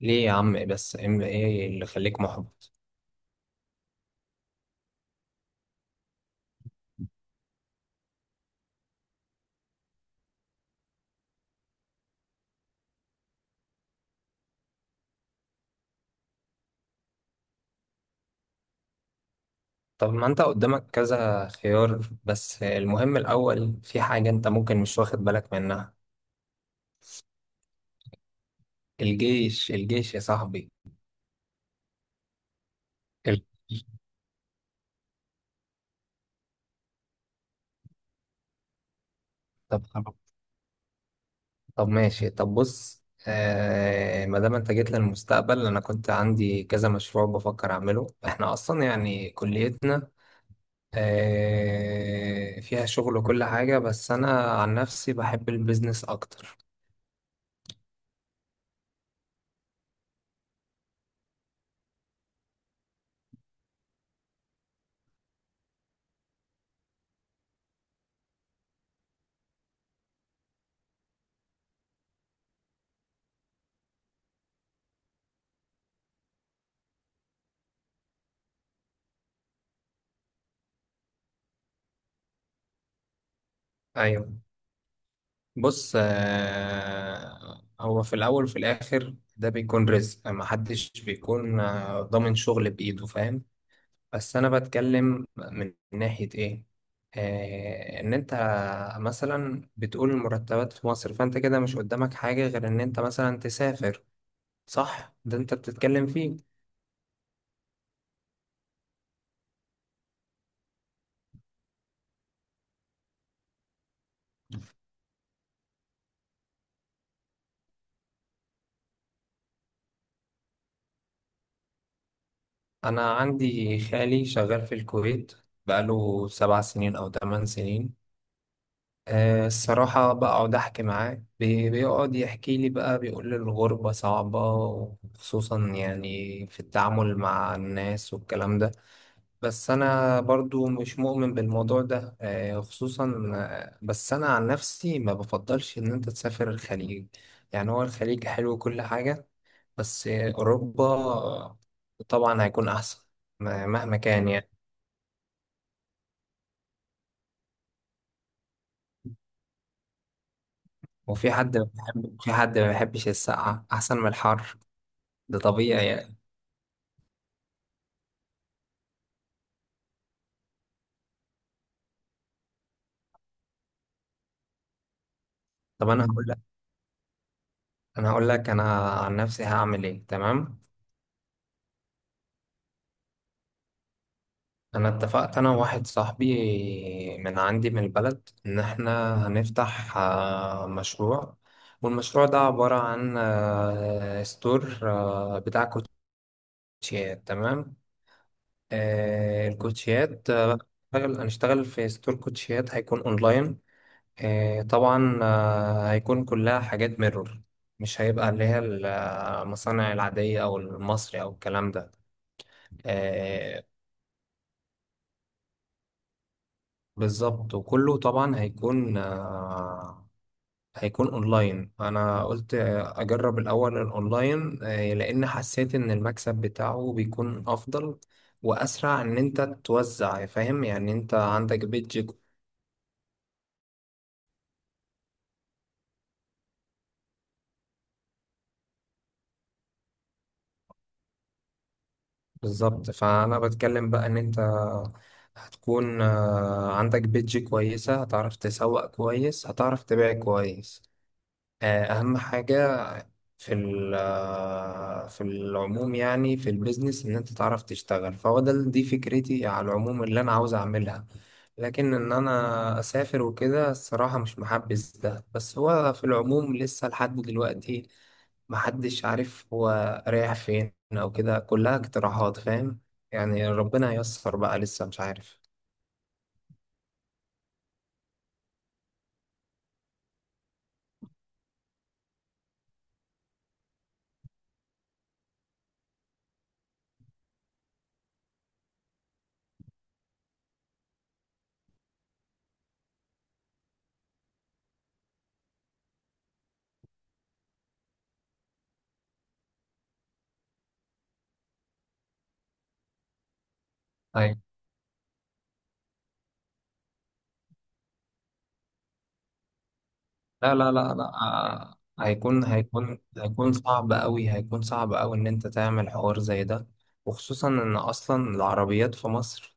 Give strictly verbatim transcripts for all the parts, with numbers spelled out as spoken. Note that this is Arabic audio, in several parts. ليه يا عم؟ إيه بس ام ايه اللي خليك محبط؟ طب، ما انت قدامك كذا خيار، بس المهم الاول في حاجة انت ممكن مش واخد بالك منها. الجيش الجيش يا صاحبي. الجيش. طب طب طب ماشي، طب بص، آه ما دام انت جيت للمستقبل انا كنت عندي كذا مشروع بفكر اعمله. احنا اصلا يعني كليتنا آه فيها شغل وكل حاجة، بس انا عن نفسي بحب البيزنس اكتر. ايوه. بص، آه، هو في الأول وفي الآخر ده بيكون رزق، محدش بيكون آه، ضامن شغل بإيده، فاهم؟ بس أنا بتكلم من ناحية إيه؟ آه، إن أنت مثلا بتقول المرتبات في مصر، فأنت كده مش قدامك حاجة غير إن أنت مثلا تسافر. صح؟ ده أنت بتتكلم فيه. أنا عندي خالي شغال في الكويت، بقاله سبع سنين أو تمن سنين. آه، الصراحة بقعد أحكي معاه، بي- بيقعد يحكي لي بقى، بيقول لي الغربة صعبة، وخصوصا يعني في التعامل مع الناس والكلام ده. بس أنا برضو مش مؤمن بالموضوع ده، آه، خصوصا آه، بس أنا عن نفسي ما بفضلش إن أنت تسافر الخليج. يعني هو الخليج حلو كل حاجة، بس آه، أوروبا آه، طبعا هيكون أحسن. م- مهما كان يعني. وفي حد ما بيحب- في حد ما بيحبش السقعة أحسن من الحر، ده طبيعي يعني. طب انا هقول لك انا هقول لك انا عن نفسي هعمل ايه، تمام. انا اتفقت انا وواحد صاحبي من عندي من البلد، ان احنا هنفتح آه، مشروع. والمشروع ده عبارة عن آه، ستور آه، بتاع كوتشيات، تمام. آه، الكوتشيات، آه، هنشتغل هنشتغل في ستور كوتشيات هيكون اونلاين. آه، طبعا آه، هيكون كلها حاجات ميرور، مش هيبقى اللي هي المصانع العادية أو المصري أو الكلام ده. آه بالظبط. وكله طبعا هيكون آه هيكون اونلاين. انا قلت آه، اجرب الاول الاونلاين آه لان حسيت ان المكسب بتاعه بيكون افضل واسرع ان انت توزع، فاهم يعني؟ انت عندك بيدج. بالظبط، فانا بتكلم بقى ان انت هتكون آه عندك بيدج كويسة، هتعرف تسوق كويس، هتعرف تبيع كويس. آه، أهم حاجة في ال- آه، في العموم، يعني في البيزنس، إن أنت تعرف تشتغل. فهو ده دي فكرتي على العموم اللي أنا عاوز أعملها. لكن إن أنا أسافر وكده الصراحة مش محبذ ده. بس هو في العموم لسه لحد دلوقتي محدش عارف هو رايح فين، أو كده كلها اقتراحات، فاهم؟ يعني ربنا ييسر بقى، لسه مش عارف. لا، لا، لا، لا، آه، هيكون هيكون هيكون صعب أوي، هيكون صعب أوي إن أنت تعمل حوار زي ده. وخصوصا إن أصلا العربيات في مصر،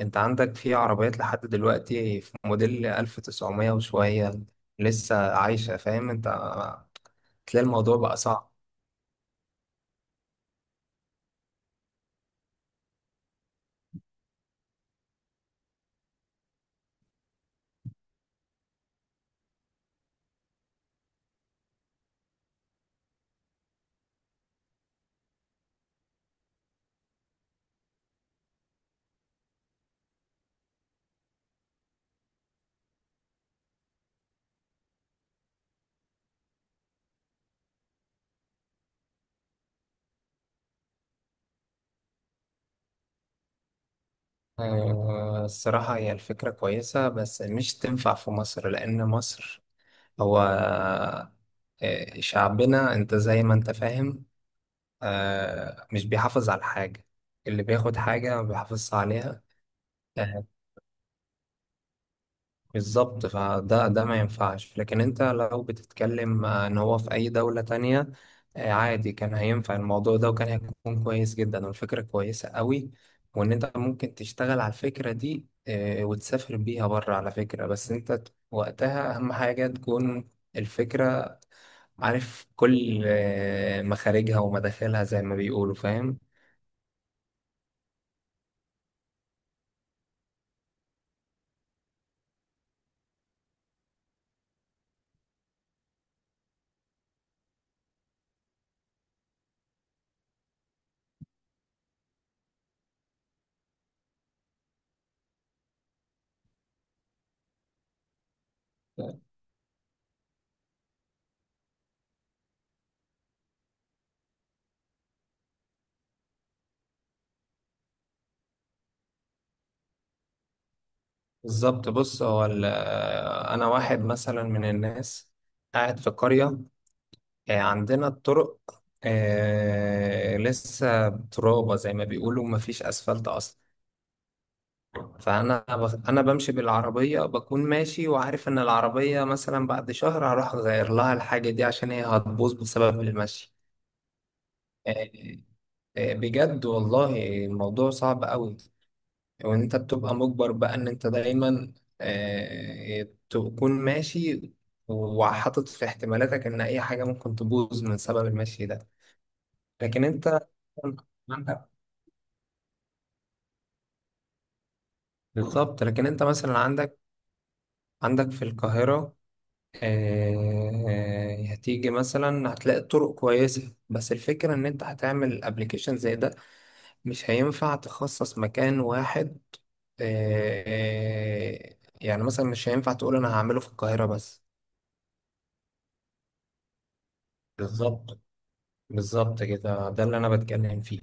أنت عندك في عربيات لحد دلوقتي في موديل ألف تسعمية وشوية لسه عايشة، فاهم أنت؟ تلاقي الموضوع بقى صعب. آه، الصراحة هي الفكرة كويسة، بس مش تنفع في مصر، لأن مصر هو آه، شعبنا أنت زي ما أنت فاهم. آه مش بيحافظ على الحاجة، اللي بياخد حاجة ما بيحافظش عليها. آه بالظبط، فده ده ما ينفعش. لكن انت لو بتتكلم آه، ان هو في اي دولة تانية آه عادي كان هينفع الموضوع ده، وكان هيكون كويس جدا والفكرة كويسة قوي. وان انت ممكن تشتغل على الفكرة دي آه وتسافر بيها بره على فكرة. بس انت ت- وقتها اهم حاجة تكون الفكرة، عارف كل آه، مخارجها ومداخلها زي ما بيقولوا، فاهم؟ بالظبط. بص هو ال- انا واحد مثلا من الناس قاعد في قرية. آه، عندنا الطرق آه، لسه ترابة زي ما بيقولوا، مفيش اسفلت اصلا. فانا بخ- انا بمشي بالعربية بكون ماشي، وعارف ان العربية مثلا بعد شهر هروح اغير لها الحاجة دي، عشان هي هتبوظ بسبب المشي. آه، آه، آه، بجد والله الموضوع صعب قوي. وان انت بتبقى مجبر بقى ان انت دايما آه، تكون ماشي، وحاطط في احتمالاتك ان اي حاجه ممكن تبوظ من سبب المشي ده. لكن انت عندك بالظبط، لكن انت مثلا عندك عندك في القاهره. آه، هتيجي مثلا هتلاقي طرق كويسه، بس الفكره ان انت هتعمل ابلكيشن زي ده، مش هينفع تخصص مكان واحد. آه، آه، يعني مثلا مش هينفع تقول انا هعمله في القاهره بس. بالظبط، بالظبط كده، ده اللي انا بتكلم فيه.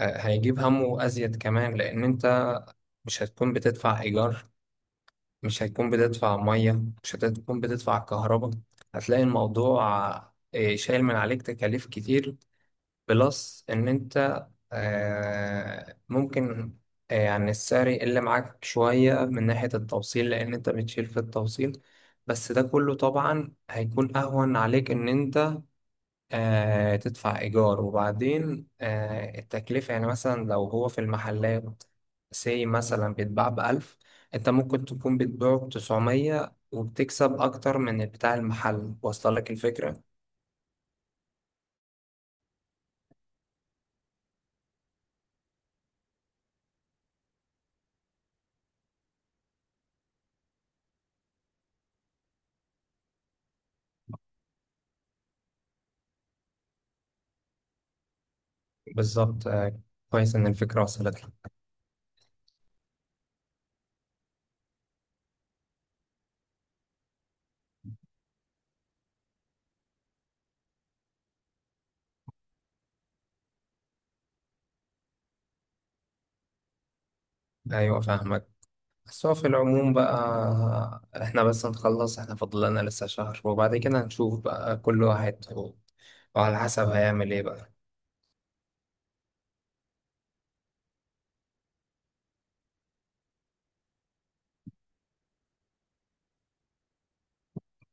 آه، هيجيب همه ازيد كمان، لان انت مش هتكون بتدفع ايجار، مش هتكون بتدفع ميه، مش هتكون بتدفع كهرباء. هتلاقي الموضوع آه، شايل من عليك تكاليف كتير. بلس ان انت آه، ممكن آه، يعني السعر يقل معاك شوية من ناحية التوصيل، لان انت بتشيل في التوصيل. بس ده كله طبعا هيكون اهون عليك ان انت آه تدفع إيجار. وبعدين آه التكلفة، يعني مثلا لو هو في المحلات سي مثلا بيتباع بألف، أنت ممكن تكون بتبيعه بتسعمية وبتكسب أكتر من بتاع المحل، واصلة لك الفكرة؟ بالظبط. آه كويس إن الفكرة وصلت لك. أيوة، فاهمك. بس هو في العموم بقى، إحنا بس نخلص، إحنا فاضل لنا لسه شهر، وبعد كده هنشوف بقى كل واحد وعلى حسب هيعمل إيه بقى.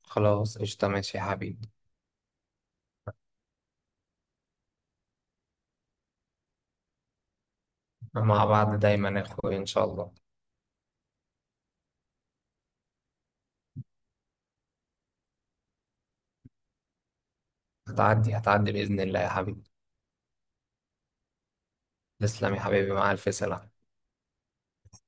خلاص، قشطة، ماشي يا حبيبي. مع بعض دايما يا اخوي، ان شاء الله. هتعدي هتعدي باذن الله يا حبيبي. تسلم يا حبيبي، مع الف سلامه.